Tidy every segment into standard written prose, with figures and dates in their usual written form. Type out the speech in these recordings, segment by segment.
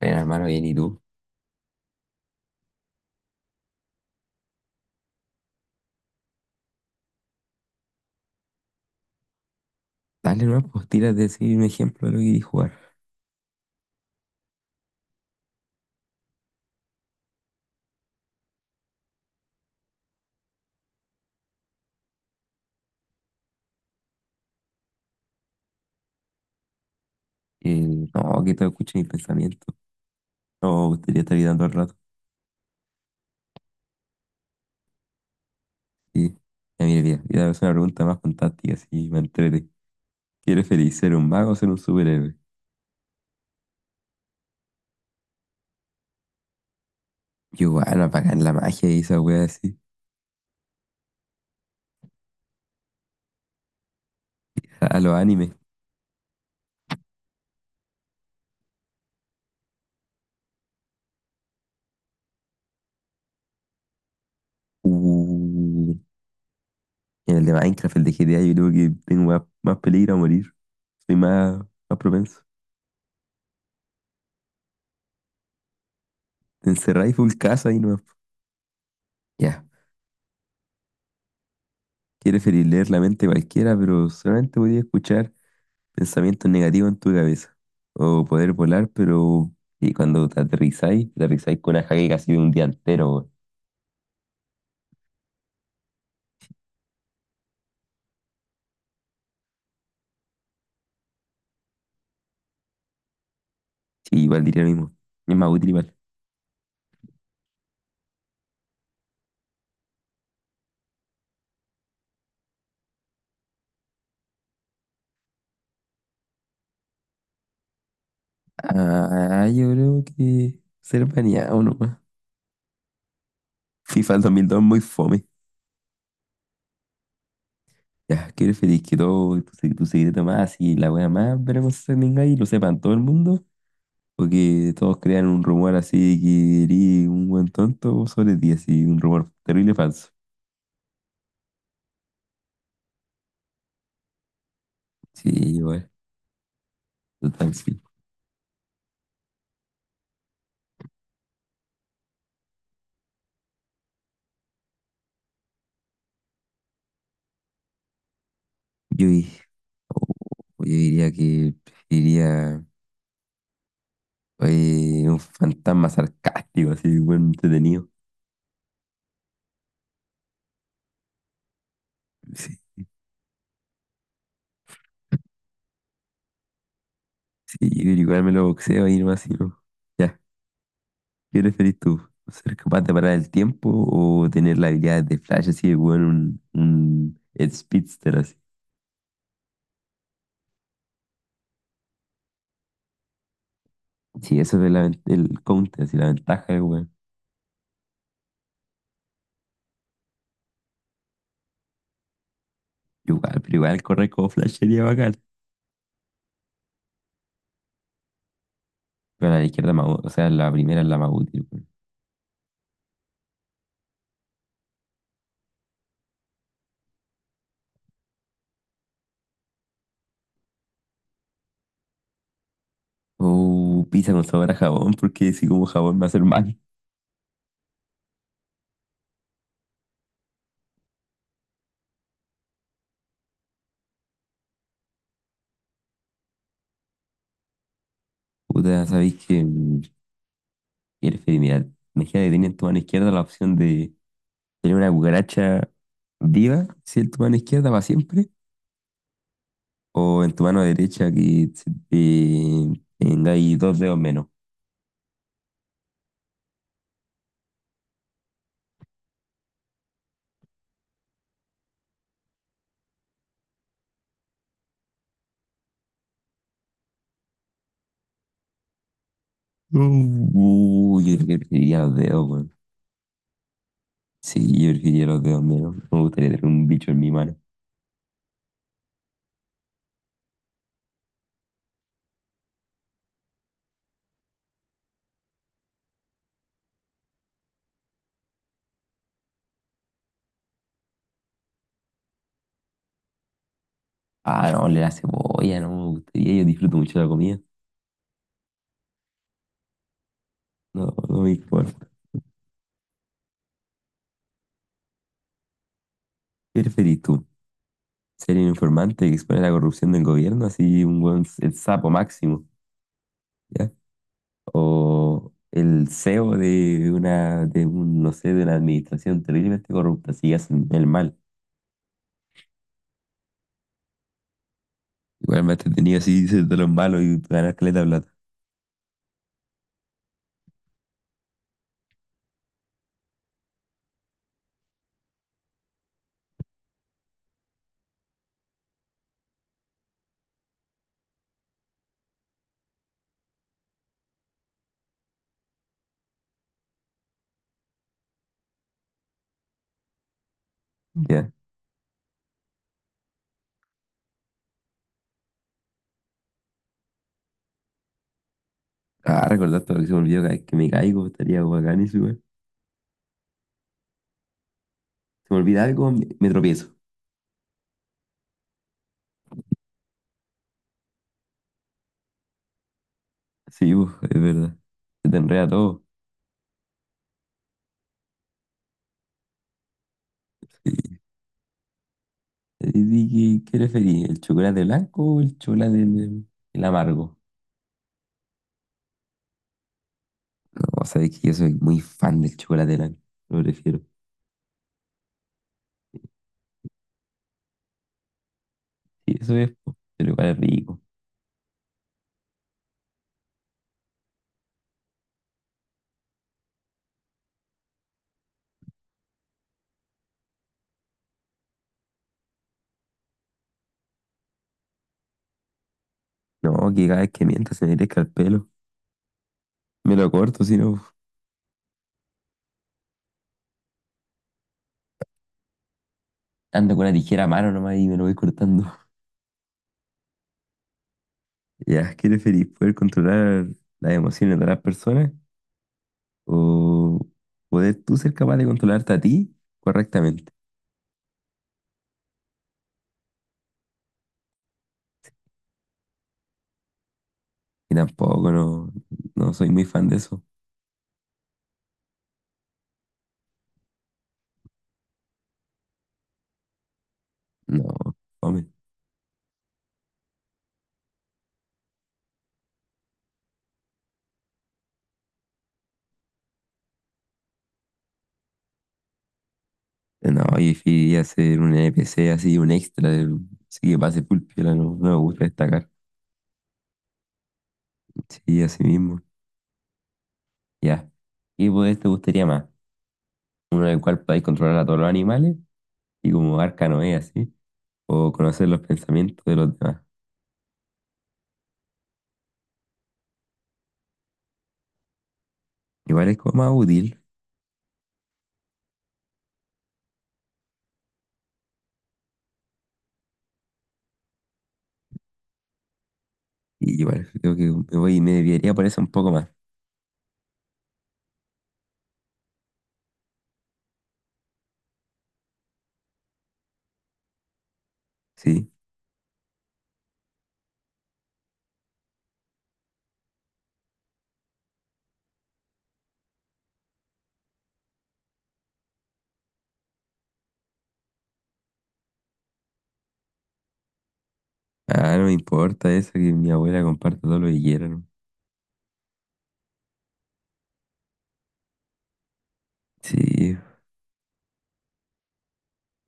Bueno, hermano, bien, ¿y tú? Dale nuevas posturas de decir un ejemplo de lo que querís jugar. Eh, no, que te escuchen mis pensamientos. No, me gustaría estar gritando al rato. Sí. Ya, mira, mira, ya es una pregunta más fantástica, si me entrete. ¿Quieres feliz ser un mago o ser un superhéroe? Yo, bueno, apagar la magia y esa wea así. A los animes. Uh, en el de Minecraft, el de GTA, yo creo que tengo más peligro a morir. Soy más propenso. Te encerráis full casa y no. Ya. ¿Quieres feliz leer la mente de cualquiera, pero solamente podía escuchar pensamientos negativos en tu cabeza? O poder volar, pero y cuando te aterrizáis con una jaque casi de un día entero, weón. Sí, igual diría lo mismo. Es más útil igual. Ah, yo creo que ser baneado nomás. FIFA 2002 muy fome. Ya, que eres feliz que todo tu, tu secreto más y la wea más veremos que tengáis y lo sepan todo el mundo. O que todos crean un rumor así que eres un buen tonto sobre ti, así un rumor terrible falso. Sí, igual, total, sí. Yo, Yo diría que preferiría un fantasma sarcástico, así, buen entretenido. Sí, sí, yo creo que igual me lo boxeo ahí nomás, y no. Ya, ¿qué preferís tú? ¿Ser capaz de parar el tiempo o tener la habilidad de Flash así de bueno, un Speedster así? Sí, eso es la el counter, así, la ventaja de weón. Igual, pero igual correr como Flash sería bacán. Pero la izquierda, es más o sea, la primera es la más útil, weón. O pizza con sabor a jabón, porque si como jabón me va a hacer mal. Puta, sabéis que qué preferí, mira, imagínate que tenía en tu mano izquierda la opción de tener una cucaracha viva, si en tu mano izquierda para siempre, o en tu mano derecha que se te tengáis dos dedos menos. Yo creo que preferiría los dedos, weón. Sí, yo preferiría los dedos menos. No me gustaría tener un bicho en mi mano. Ah, no, le la cebolla, no me gustaría. Yo disfruto mucho la comida. No, no me importa. ¿Qué preferís tú? ¿Ser un informante que expone la corrupción del gobierno, así un buen, el sapo máximo, o el CEO de una, de un, no sé, de una administración terriblemente corrupta, si hacen el mal? Igual me ha entretenido así ser de los malos y ganar caleta de plata. Ya. Ah, recordar todo lo que se me olvidó cada vez que me caigo, estaría bacán eso, igual. Se me olvida algo, me tropiezo. Sí, uf, es verdad. Se te enreda todo. Sí. ¿Y qué preferís? ¿El chocolate blanco o el chocolate el amargo? No, sabes que yo soy muy fan del chocolate blanco. Lo prefiero. Sí, eso es, po, pero igual es rico. No, que cada vez que miento se me crezca el pelo. Me lo corto, si no. Ando con una tijera a mano nomás y me lo voy cortando. Ya, ¿qué preferís? ¿Poder controlar las emociones de las personas o poder tú ser capaz de controlarte a ti correctamente? Y tampoco, no, no soy muy fan de eso. No, hombre. No, yo preferiría ser un NPC así, un extra, sí que pase pulpiola, no, no me gusta destacar. Sí, así mismo. Ya. ¿Qué poder te gustaría más? Uno en el cual podáis controlar a todos los animales y como Arcanoe, así, o conocer los pensamientos de los demás. Igual es como más útil, y igual creo que me desviaría por eso un poco más, ¿sí? Ah, no me importa eso, que mi abuela comparta todo lo que quiera, ¿no? Sí,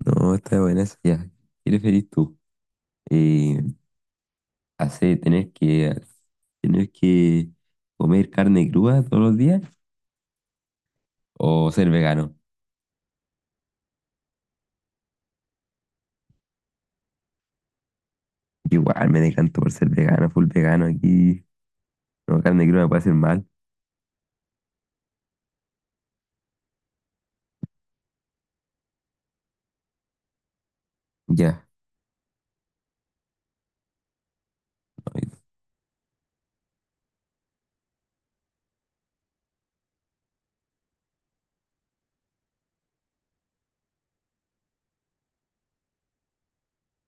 no, está buena eso, ya. ¿Qué preferís tú? Eh, Hacer, tener que comer carne cruda todos los días, ¿o ser vegano? Igual me decanto por ser vegano, full vegano aquí. No, carne cruda me puede hacer mal. Ya, no,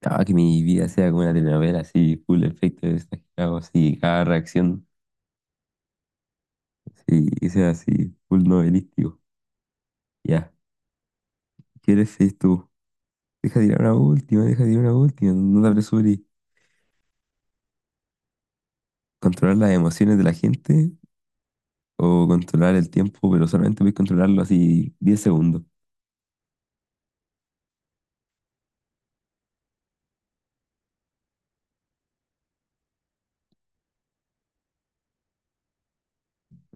ah, que mi vida sea como una telenovela, así, full efecto de exagerado, así, cada reacción, sí, que sea así, full novelístico. Ya, ¿qué eres feliz tú? Deja tirar una última, deja tirar una última, no te apresures. ¿Controlar las emociones de la gente o controlar el tiempo, pero solamente puedes controlarlo así 10 segundos?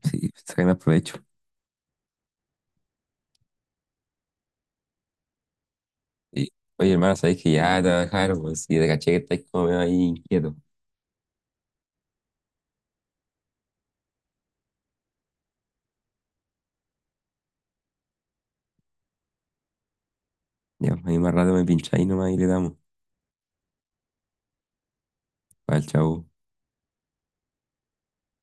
Sí, saca más provecho. Sí. Oye, hermano, sabes que ya te voy a dejar, pues, si te caché que estáis como medio ahí inquieto. Ya, ahí más rato me pincháis nomás y le damos. Vale, chao.